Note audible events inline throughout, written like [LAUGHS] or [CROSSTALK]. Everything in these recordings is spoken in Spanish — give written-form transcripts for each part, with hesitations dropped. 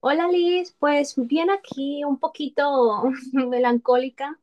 Hola Liz, pues bien aquí un poquito [LAUGHS] melancólica.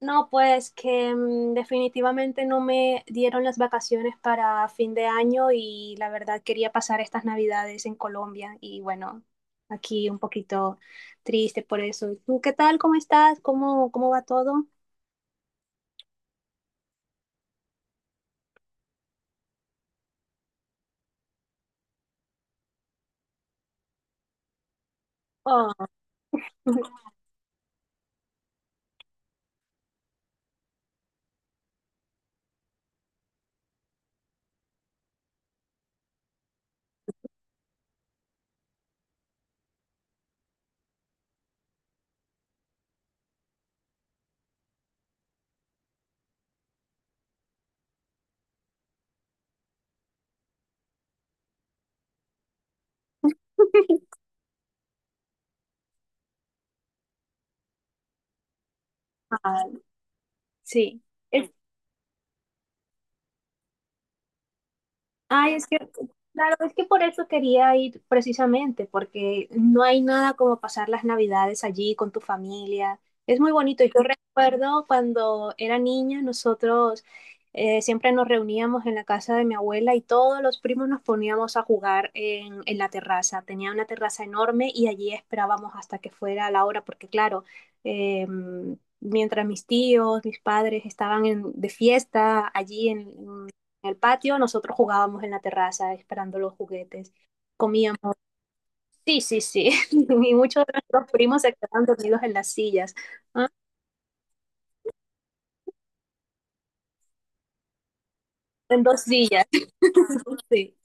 No, pues que definitivamente no me dieron las vacaciones para fin de año y la verdad quería pasar estas navidades en Colombia y bueno, aquí un poquito triste por eso. ¿Tú qué tal? ¿Cómo estás? ¿Cómo va todo? Oh, [LAUGHS] ah, sí. Ay, es que, claro, es que por eso quería ir precisamente, porque no hay nada como pasar las Navidades allí con tu familia. Es muy bonito. Yo recuerdo cuando era niña, nosotros siempre nos reuníamos en la casa de mi abuela y todos los primos nos poníamos a jugar en la terraza. Tenía una terraza enorme y allí esperábamos hasta que fuera la hora, porque claro, mientras mis tíos, mis padres de fiesta allí en el patio, nosotros jugábamos en la terraza esperando los juguetes, comíamos. Sí, sí, sí. [LAUGHS] Y muchos de nuestros primos se quedaban dormidos en las sillas. ¿Ah? En dos sillas. [LAUGHS] Sí.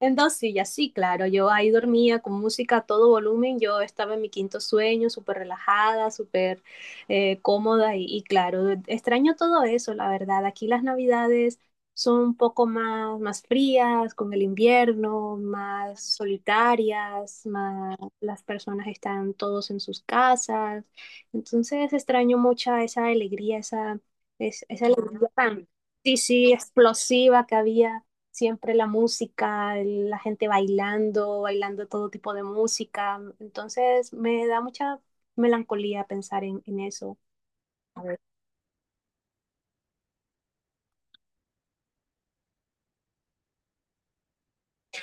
En dos sillas, sí, claro. Yo ahí dormía con música a todo volumen. Yo estaba en mi quinto sueño, súper relajada, súper cómoda y claro, extraño todo eso, la verdad. Aquí las navidades son un poco más, más frías, con el invierno, más solitarias, más las personas están todos en sus casas. Entonces extraño mucha esa alegría, esa, esa alegría tan, sí, sí, explosiva que había siempre la música, la gente bailando, bailando todo tipo de música. Entonces me da mucha melancolía pensar en eso.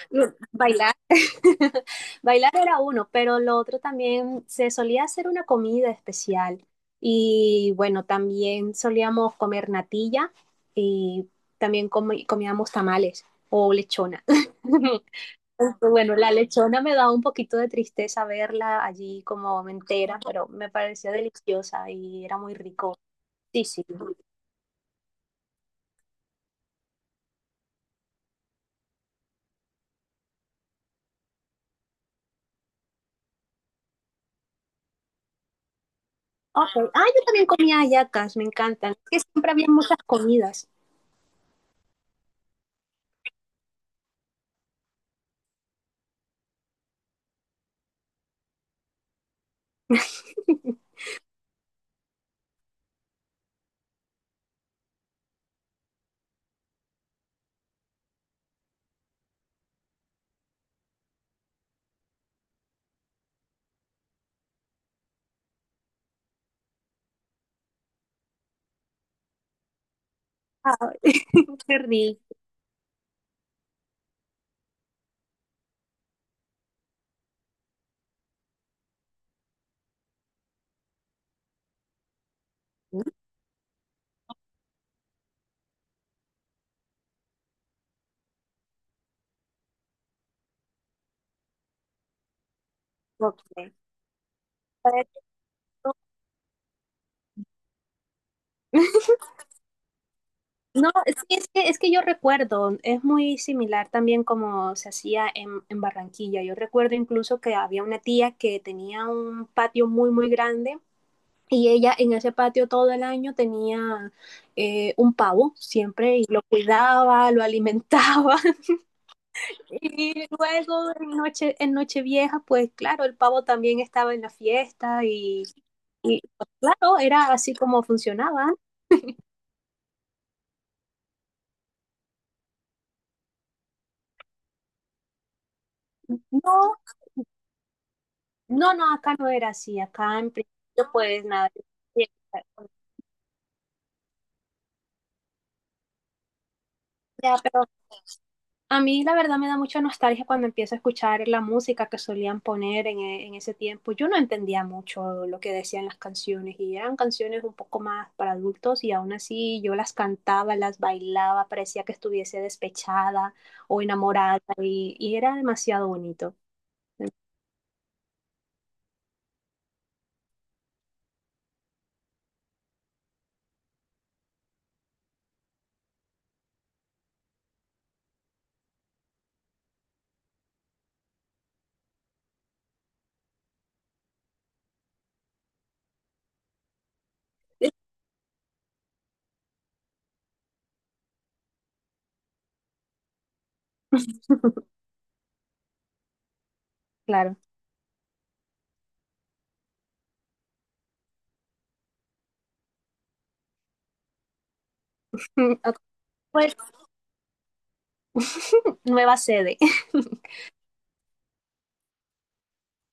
Bailar. [LAUGHS] Bailar era uno, pero lo otro también se solía hacer una comida especial. Y bueno, también solíamos comer natilla y también comíamos tamales o lechona. [LAUGHS] Aunque, bueno, la lechona me da un poquito de tristeza verla allí como entera, pero me parecía deliciosa y era muy rico. Sí, sí. Ok. Ah, yo también comía hallacas, me encantan. Es que siempre había muchas comidas. [LAUGHS] Ay, [LAUGHS] qué rico. Ok. Para que no- [LAUGHS] No, sí, es que yo recuerdo, es muy similar también como se hacía en Barranquilla. Yo recuerdo incluso que había una tía que tenía un patio muy, muy grande y ella en ese patio todo el año tenía un pavo siempre y lo cuidaba, lo alimentaba. [LAUGHS] Y luego en noche, en Nochevieja, pues claro, el pavo también estaba en la fiesta y, pues, claro, era así como funcionaba. No, no, no, acá no era así, acá en principio pues nada. Ya, pero a mí la verdad me da mucha nostalgia cuando empiezo a escuchar la música que solían poner en, en ese tiempo. Yo no entendía mucho lo que decían las canciones y eran canciones un poco más para adultos y aún así yo las cantaba, las bailaba, parecía que estuviese despechada o enamorada y era demasiado bonito. [LAUGHS] Claro. [LAUGHS] Pues [LAUGHS] nueva sede.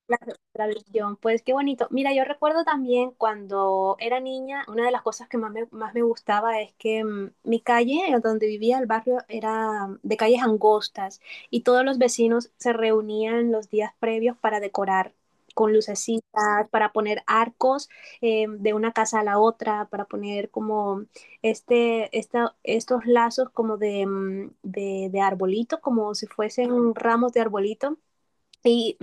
La tradición, pues qué bonito. Mira, yo recuerdo también cuando era niña, una de las cosas que más me gustaba es que mi calle, donde vivía el barrio, era de calles angostas y todos los vecinos se reunían los días previos para decorar con lucecitas, para poner arcos de una casa a la otra, para poner como estos lazos como de, de arbolito, como si fuesen ramos de arbolito. Y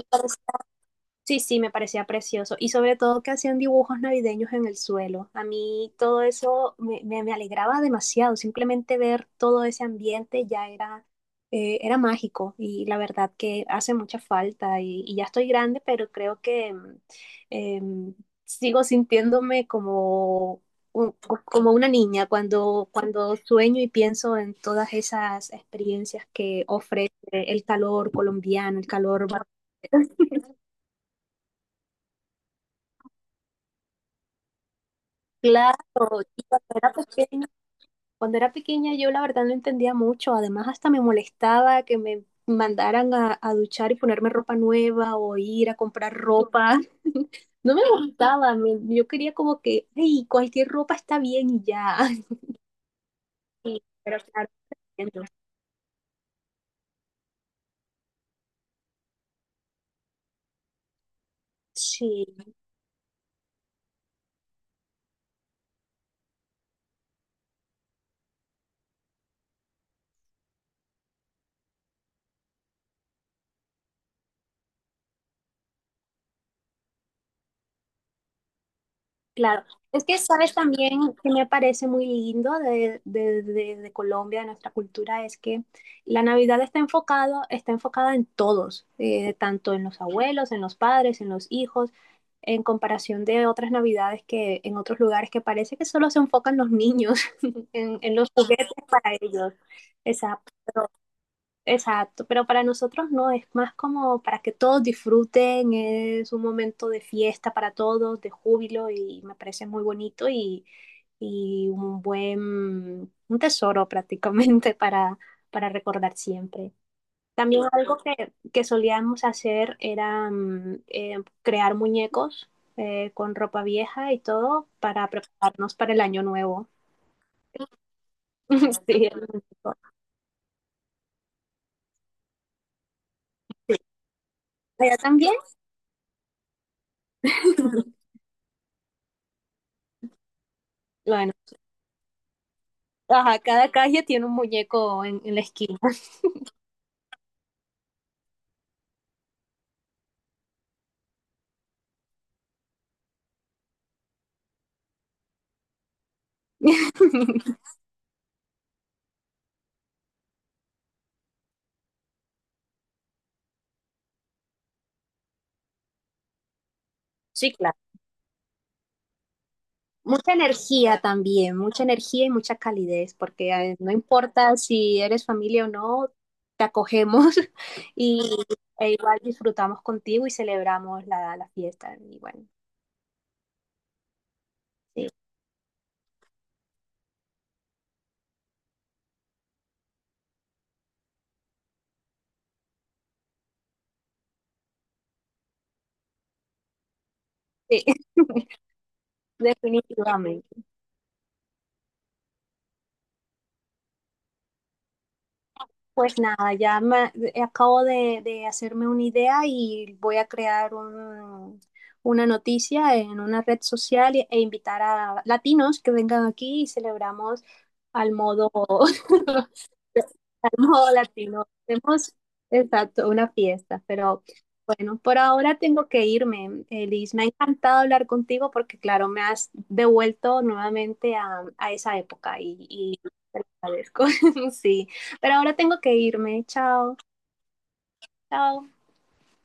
sí, sí, me parecía precioso. Y sobre todo que hacían dibujos navideños en el suelo. A mí todo eso me, me alegraba demasiado. Simplemente ver todo ese ambiente ya era, era mágico. Y la verdad que hace mucha falta. Y ya estoy grande, pero creo que em, sigo sintiéndome como, un- como una niña cuando, cuando sueño y pienso en todas esas experiencias que ofrece el calor colombiano, el calor claro, y cuando era pequeña yo la verdad no entendía mucho, además hasta me molestaba que me mandaran a duchar y ponerme ropa nueva o ir a comprar ropa. [LAUGHS] No me gustaba, me- yo quería como que, ay, cualquier ropa está bien y ya. [LAUGHS] Sí, pero claro, entiendo. Sí, claro. Es que, ¿sabes? Que me parece muy lindo de, de Colombia, de nuestra cultura, es que la Navidad está enfocado, está enfocada en todos, tanto en los abuelos, en los padres, en los hijos, en comparación de otras Navidades que en otros lugares que parece que solo se enfocan los niños, [LAUGHS] en los juguetes para ellos. Exacto, exacto. Pero para nosotros no, es más como para que todos disfruten, es un momento de fiesta para todos, de júbilo, y me parece muy bonito y un buen, un tesoro [LAUGHS] prácticamente para recordar siempre. También algo que solíamos hacer era crear muñecos con ropa vieja y todo para prepararnos para el año nuevo. [LAUGHS] Sí, el muñeco. ¿Allá también? [LAUGHS] Bueno, ajá, cada calle tiene un muñeco en la esquina. [LAUGHS] Sí, claro. Mucha energía también, mucha energía y mucha calidez, porque no importa si eres familia o no, te acogemos [LAUGHS] y e igual disfrutamos contigo y celebramos la, la fiesta. Y bueno, sí, sí, [LAUGHS] definitivamente. Pues nada, ya me, acabo de hacerme una idea y voy a crear un, una noticia en una red social e, e invitar a latinos que vengan aquí y celebramos al modo [LAUGHS] modo latino. Tenemos, exacto, una fiesta, pero bueno, por ahora tengo que irme. Liz, me ha encantado hablar contigo porque, claro, me has devuelto nuevamente a esa época y te lo agradezco. [LAUGHS] Sí, pero ahora tengo que irme. Chao, chao.